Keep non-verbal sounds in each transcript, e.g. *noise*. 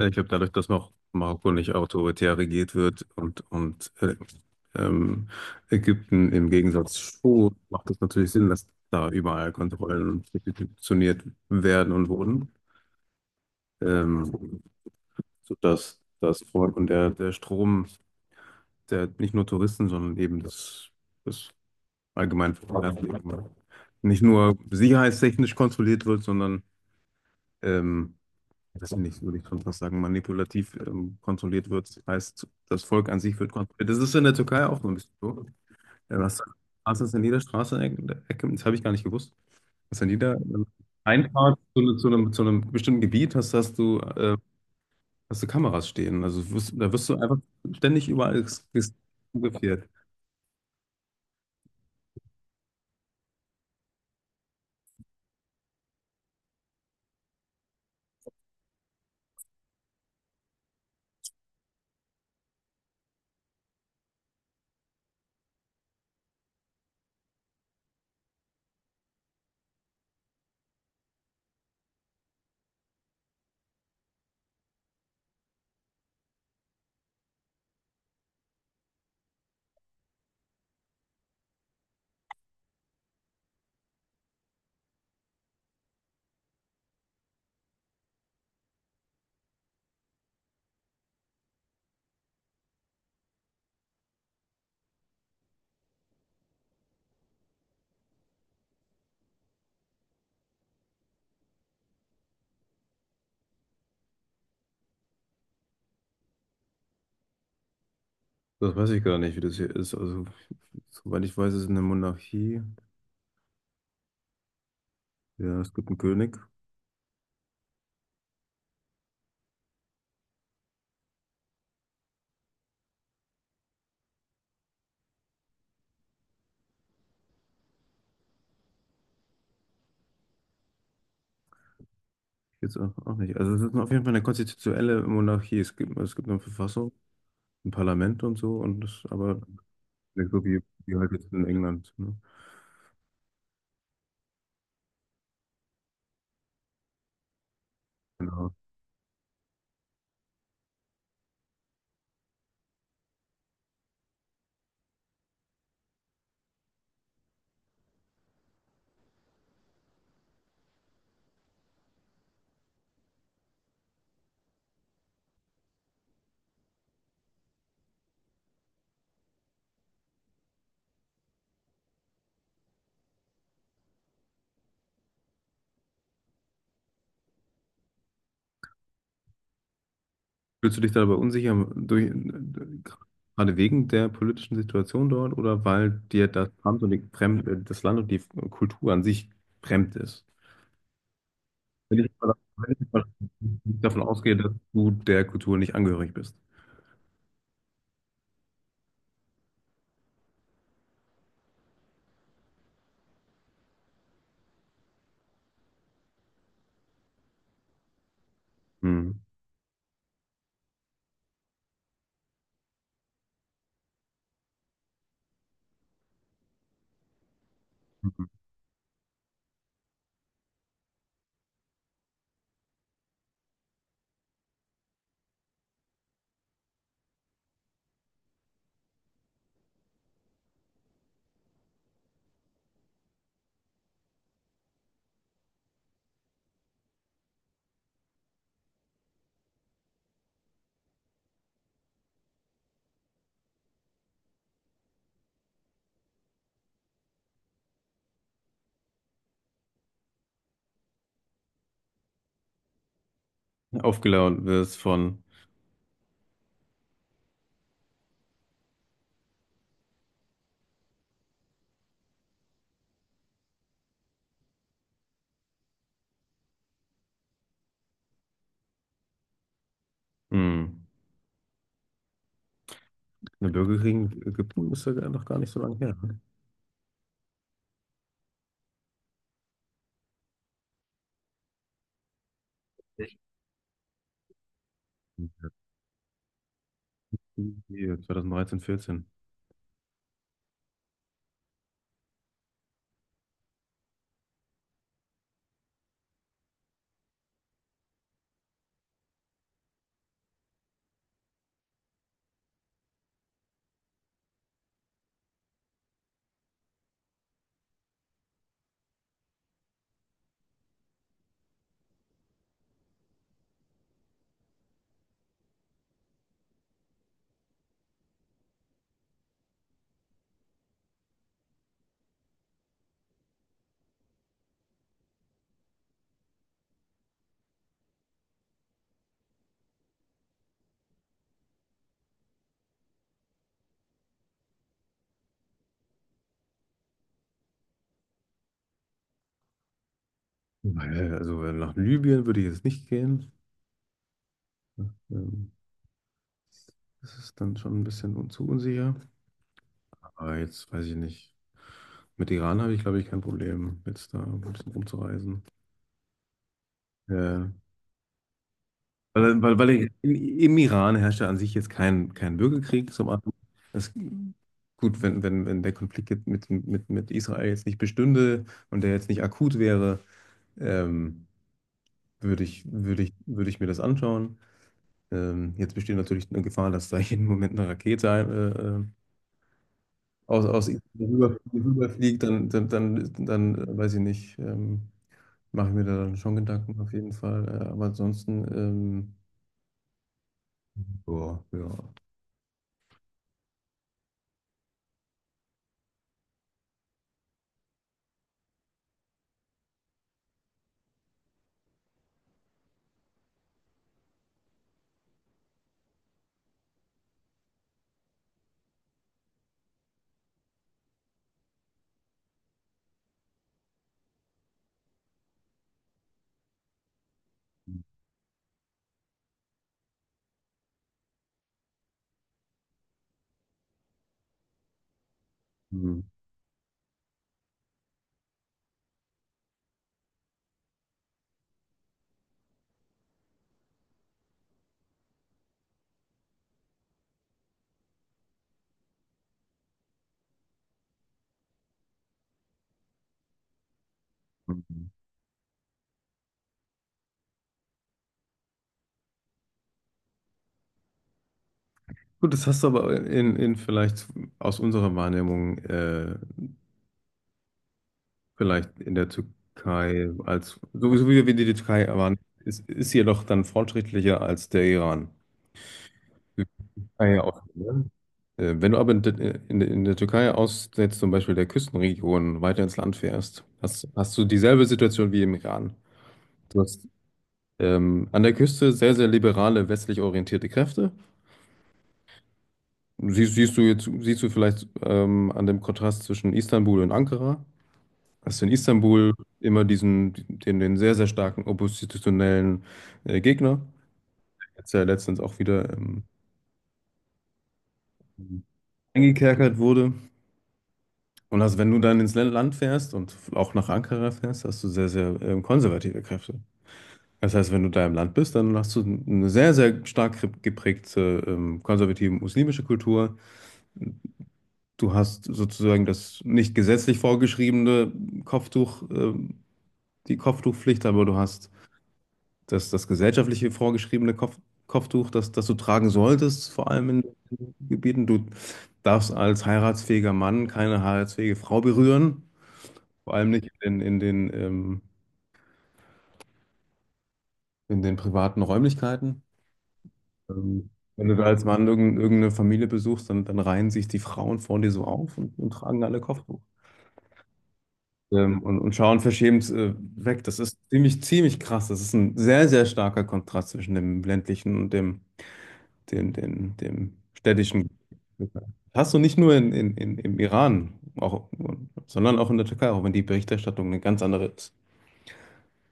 Ja, ich glaube, dadurch, dass noch Marokko nicht autoritär regiert wird und ähm, Ägypten im Gegensatz zu, macht es natürlich Sinn, dass da überall Kontrollen institutioniert werden und wurden, ähm, sodass das Volk und der Strom, der nicht nur Touristen, sondern eben das allgemein nicht nur sicherheitstechnisch kontrolliert wird, sondern ähm, das finde ich, würde ich schon fast sagen, manipulativ kontrolliert wird. Das heißt, das Volk an sich wird kontrolliert. Das ist in der Türkei auch so ein bisschen so. Ja, was ist in jeder Straßenecke, das habe ich gar nicht gewusst, was in jeder Einfahrt zu einem bestimmten Gebiet hast du Kameras stehen. Also wirst du einfach ständig überall fotografiert. Das weiß ich gar nicht, wie das hier ist. Also, soweit ich weiß, ist es eine Monarchie. Ja, es gibt einen König. Jetzt auch, auch nicht. Also es ist auf jeden Fall eine konstitutionelle Monarchie. Es gibt eine Verfassung, ein Parlament und so, und das, aber nicht so wie, wie halt jetzt in England, ne? Genau. Fühlst du dich da aber unsicher durch, gerade wegen der politischen Situation dort oder weil dir das Land und die Kultur an sich fremd ist? Wenn ich mal davon ausgehe, dass du der Kultur nicht angehörig bist. Hm. Aufgeladen wirst von hm. Eine Burger King in Ägypten ist ja noch gar nicht so lange her, ne? Echt? Irgendwie 2013, 14. Weil, also weil nach Libyen würde ich jetzt nicht gehen, ne? Das ist dann schon ein bisschen zu unsicher. Aber jetzt weiß ich nicht. Mit Iran habe ich, glaube ich, kein Problem, jetzt da ein bisschen rumzureisen. Äh, weil ich, im Iran herrscht ja an sich jetzt kein Bürgerkrieg zum anderen. Es, gut, wenn der Konflikt jetzt mit Israel jetzt nicht bestünde und der jetzt nicht akut wäre, ähm, würde ich mir das anschauen. Jetzt besteht natürlich eine Gefahr, dass da *laughs* jeden Moment eine Rakete aus Israel rüberfliegt, dann weiß ich nicht, mache ich mir da dann schon Gedanken auf jeden Fall. Aber ansonsten, boah, ja. Hm. Hm, hm. Gut, das hast du aber in vielleicht aus unserer Wahrnehmung vielleicht in der Türkei als, so so wie wir die Türkei waren, ist sie jedoch dann fortschrittlicher als der Iran. Die Türkei aus, ne? Wenn du aber in der Türkei aus jetzt zum Beispiel der Küstenregion weiter ins Land fährst, hast du dieselbe Situation wie im Iran. Du hast an der Küste sehr, sehr liberale, westlich orientierte Kräfte. Siehst du jetzt, siehst du vielleicht an dem Kontrast zwischen Istanbul und Ankara. Hast du in Istanbul immer diesen, den sehr, sehr starken oppositionellen Gegner, der jetzt ja letztens auch wieder eingekerkert wurde. Und hast, wenn du dann ins Land fährst und auch nach Ankara fährst, hast du sehr, sehr konservative Kräfte. Das heißt, wenn du da im Land bist, dann hast du eine sehr, sehr stark geprägte konservative muslimische Kultur. Du hast sozusagen das nicht gesetzlich vorgeschriebene Kopftuch, die Kopftuchpflicht, aber du hast das gesellschaftliche vorgeschriebene Kopftuch, das du tragen solltest, vor allem in den Gebieten. Du darfst als heiratsfähiger Mann keine heiratsfähige Frau berühren, vor allem nicht in den, in den privaten Räumlichkeiten. Ähm, Wenn du da als Mann irgendeine Familie besuchst, dann reihen sich die Frauen vor dir so auf und tragen alle Kopftuch. Und schauen verschämt weg. Das ist ziemlich, ziemlich krass. Das ist ein sehr, sehr starker Kontrast zwischen dem ländlichen und dem städtischen. Hast du nicht nur im Iran, auch, sondern auch in der Türkei, auch wenn die Berichterstattung eine ganz andere ist.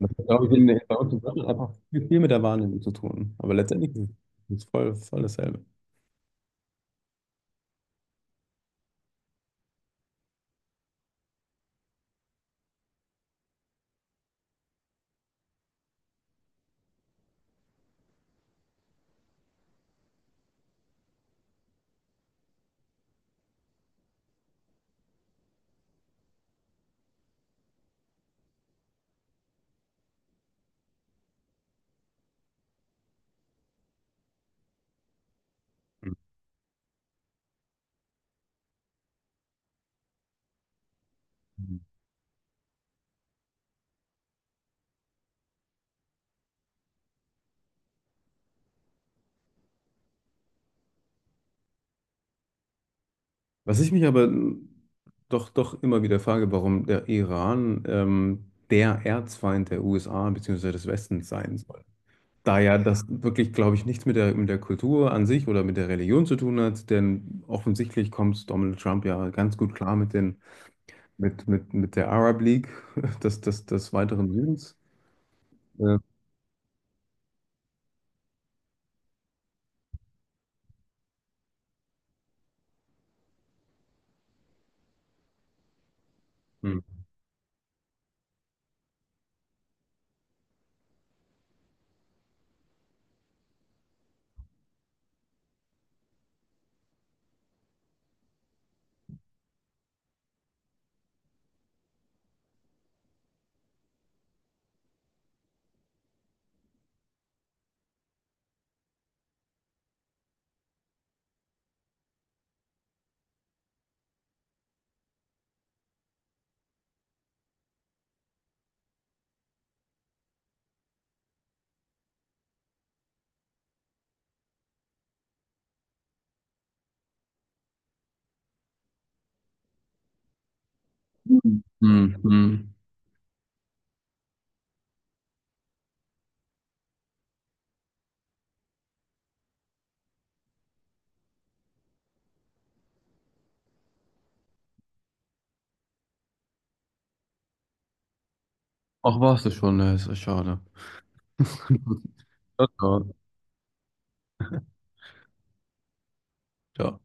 Das hat, glaube ich, bei uns in Deutschland einfach viel, viel mit der Wahrnehmung zu tun. Aber letztendlich ist es voll, voll dasselbe. Mhm. Was ich mich aber doch, doch immer wieder frage, warum der Iran der Erzfeind der USA bzw. des Westens sein soll. Da ja das wirklich, glaube ich, nichts mit der, mit der Kultur an sich oder mit der Religion zu tun hat, denn offensichtlich kommt Donald Trump ja ganz gut klar mit den, mit der Arab League *laughs* des, des, des weiteren Südens. Ja. Hm. Hm, hm. Ach, warst du schon, ne? Ist ja schade. *laughs* Ja.